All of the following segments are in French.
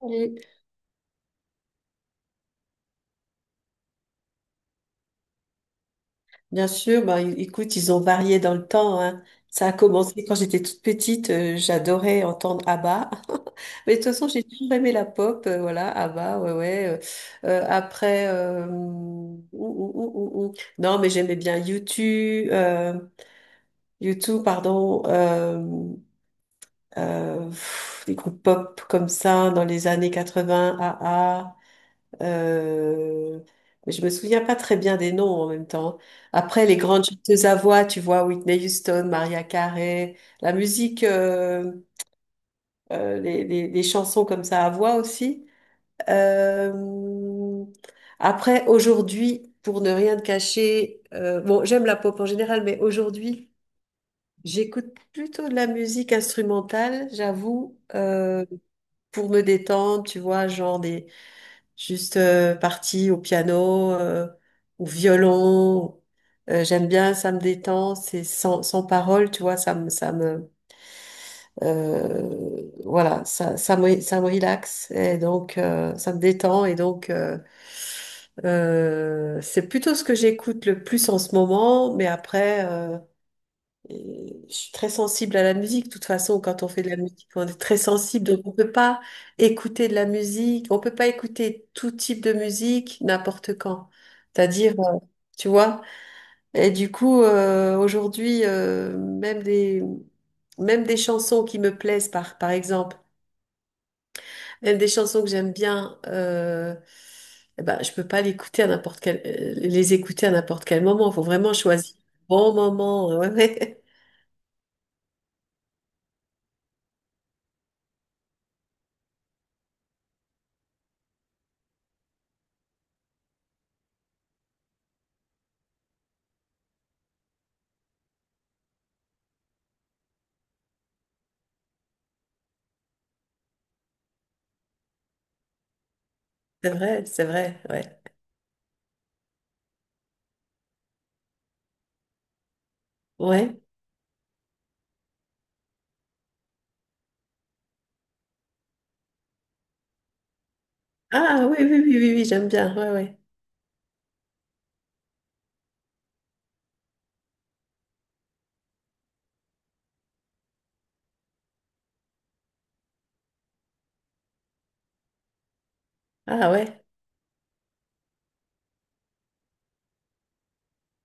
Oui, bien sûr, bah, écoute, ils ont varié dans le temps, hein. Ça a commencé quand j'étais toute petite, j'adorais entendre ABBA. Mais de toute façon, j'ai toujours aimé la pop, voilà, ABBA, ouais, ouais. Après, ouh, ouh, ouh, ouh, ouh. Non, mais j'aimais bien YouTube, 2 u pardon, euh, des groupes pop comme ça dans les années 80, AA. Euh, mais je me souviens pas très bien des noms en même temps. Après, les grandes chanteuses à voix, tu vois, Whitney Houston, Maria Carey, la musique, les chansons comme ça à voix aussi. Euh, Après, aujourd'hui, pour ne rien te cacher, bon, j'aime la pop en général, mais aujourd'hui, j'écoute plutôt de la musique instrumentale, j'avoue, pour me détendre, tu vois, genre des juste partie au piano, au violon. J'aime bien, ça me détend, c'est sans parole, tu vois, ça me, voilà, ça, ça me relaxe et donc ça me détend et donc c'est plutôt ce que j'écoute le plus en ce moment, mais après. Et je suis très sensible à la musique. De toute façon, quand on fait de la musique, on est très sensible. Donc, on peut pas écouter de la musique. On peut pas écouter tout type de musique n'importe quand. C'est-à-dire, tu vois. Et du coup, aujourd'hui, même des chansons qui me plaisent, par exemple, même des chansons que j'aime bien, eh ben, je peux pas l'écouter à n'importe les écouter à n'importe quel moment. Il faut vraiment choisir le bon moment. Ouais. C'est vrai, ouais. Ouais. Ah oui, oui, oui, oui, oui, j'aime bien. Ouais, ouais. Ah ouais,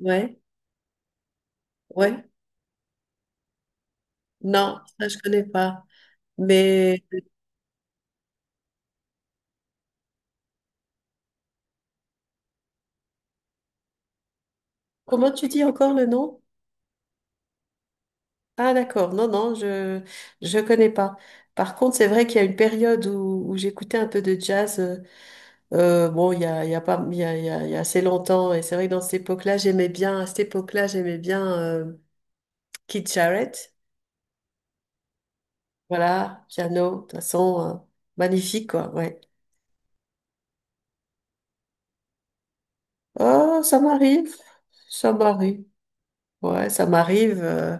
ouais, ouais. Non, ça je connais pas. Mais comment tu dis encore le nom? Ah d'accord, non, non, je connais pas. Par contre, c'est vrai qu'il y a une période où j'écoutais un peu de jazz. Bon, il y a pas, il y a, il y a, il y a assez longtemps. Et c'est vrai que dans cette époque-là, j'aimais bien. À cette époque-là, j'aimais bien Keith Jarrett. Voilà, piano, de toute façon, magnifique quoi. Ouais. Oh, ça m'arrive. Ouais, ça m'arrive.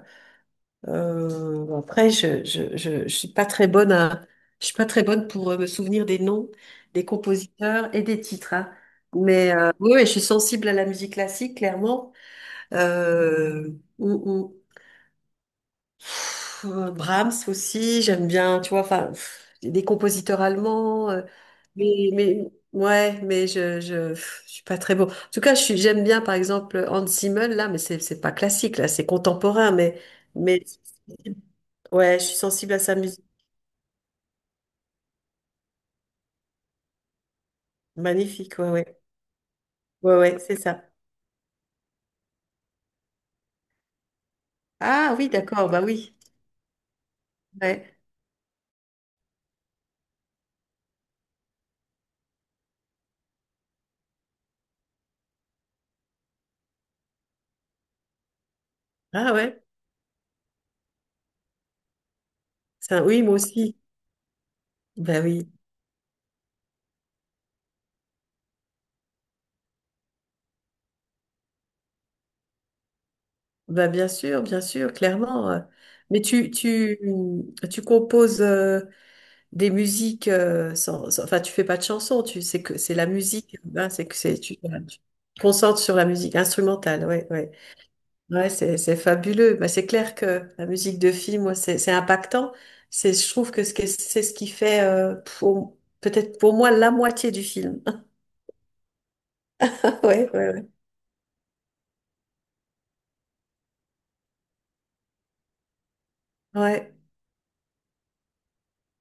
Après, je suis pas très je suis pas très bonne pour me souvenir des noms, des compositeurs et des titres, hein. Mais oui, oui, je suis sensible à la musique classique, clairement. Euh, hum, hum. Brahms aussi, j'aime bien. Tu vois, enfin, des compositeurs allemands. Mais ouais, je suis pas très beau. En tout cas, j'aime bien par exemple Hans Zimmer là, mais c'est pas classique là, c'est contemporain, mais ouais, je suis sensible à sa musique. Magnifique, ouais, ouais, ouais, ouais, c'est ça. Ah oui, d'accord, bah oui, ouais. Ah ouais, ça, oui, moi aussi. Bah oui, bah bien sûr, clairement. Mais tu composes. Des musiques enfin tu fais pas de chansons tu c'est que c'est la musique hein, c'est que c'est tu, voilà, tu te concentres sur la musique instrumentale, ouais, ouais, ouais. C'est fabuleux. Bah, c'est clair que la musique de film, moi c'est impactant. C'est, je trouve que ce que- c'est ce qui fait pour- peut-être pour moi la moitié du film. Ouais, ouais, ouais, ouais.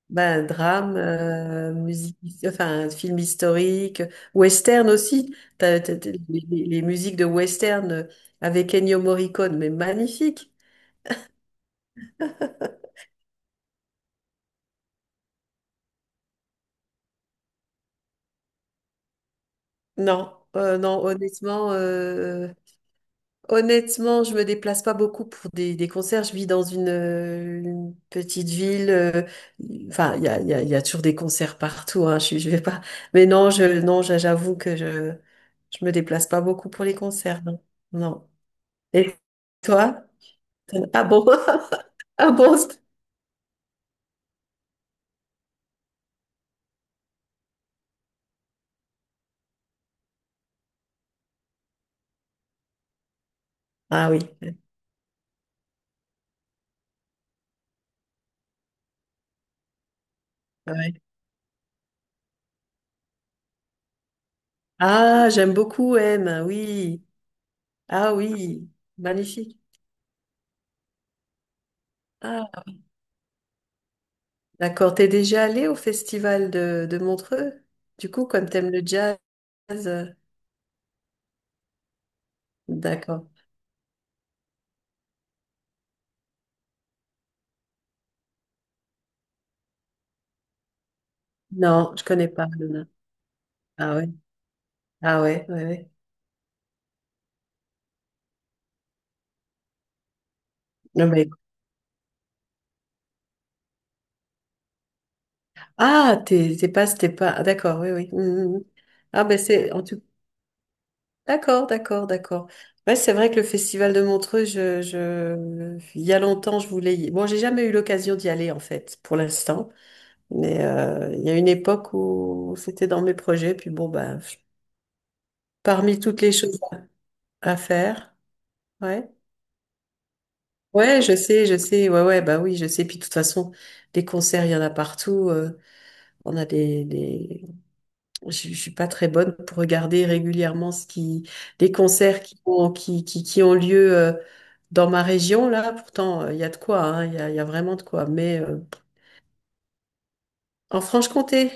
Ben, drame, film historique, western aussi. Les musiques de western avec Ennio Morricone, mais magnifique. Non, honnêtement, honnêtement, je me déplace pas beaucoup pour des concerts. Je vis dans une petite ville. Enfin, il y a toujours des concerts partout. Hein, je vais pas. Mais non, j'avoue que je me déplace pas beaucoup pour les concerts. Non, non. Et toi? Ah bon? Ah bon? Ah oui, ouais. Ah, j'aime beaucoup M, oui. Ah oui, magnifique. Ah, d'accord. T'es déjà allé au festival de Montreux? Du coup, comme t'aimes le jazz, euh, d'accord. Non, je connais pas. Non, non. Ah ouais, ah ouais, ouais, ouais. Non, mais- Ah, t'es pas. Ah, d'accord, oui, oui. Mhm, mhm. Ah ben c'est en tout d'accord, d'accord, d'accord. Ouais, c'est vrai que le festival de Montreux, il y a longtemps, je voulais y... Bon, j'ai jamais eu l'occasion d'y aller, en fait, pour l'instant. Mais il y a une époque où c'était dans mes projets. Puis bon, ben, parmi toutes les choses à faire, ouais. Ouais, je sais, je sais. Ouais, ouais, bah oui, je sais. Puis de toute façon, des concerts, il y en a partout. On a je suis pas très bonne pour regarder régulièrement ce qui, les concerts qui ont lieu dans ma région, là. Pourtant, il y a de quoi, hein, il y a vraiment de quoi. Mais en Franche-Comté,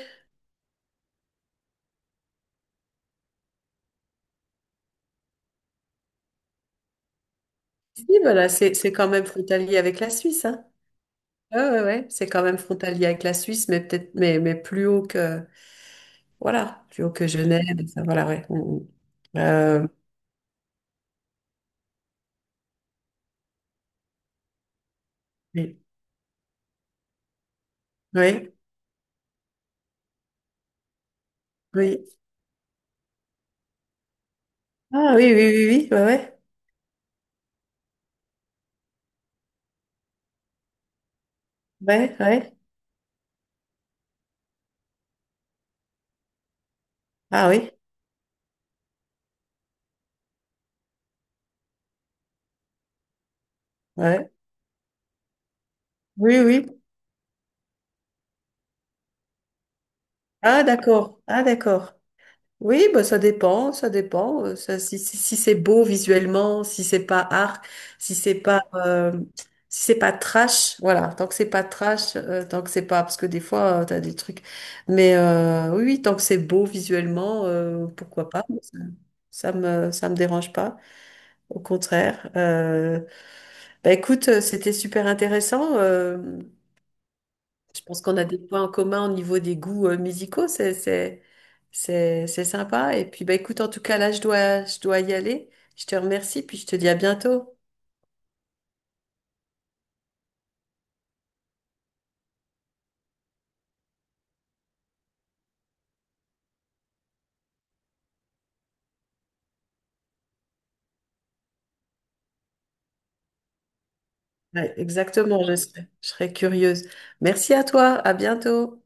si, voilà, c'est quand même frontalier avec la Suisse, hein. Ouais, ouais, ouais, c'est quand même frontalier avec la Suisse, mais peut-être, mais plus voilà, plus haut que Genève, et ça, voilà, ouais. Mm, mm. Oui, oui, oui. Ah oui, oui, oui, oui, ouais, ouais, ouais, ouais. Ah oui, ouais. Oui, oui. Ah, d'accord. Ah, d'accord. Oui, bah, ça dépend, ça dépend. Ça, si c'est beau visuellement, si c'est pas art, si c'est pas, euh, si c'est pas trash, voilà. Tant que c'est pas trash, tant que c'est pas, parce que des fois, tu t'as des trucs. Mais oui, oui, tant que c'est beau visuellement, pourquoi pas? Ça me dérange pas. Au contraire. Bah, écoute, c'était super intéressant. Je pense qu'on a des points en commun au niveau des goûts musicaux, c'est sympa. Et puis bah écoute, en tout cas là, je dois y aller. Je te remercie, puis je te dis à bientôt. Ouais, exactement, je serai curieuse. Merci à toi, à bientôt.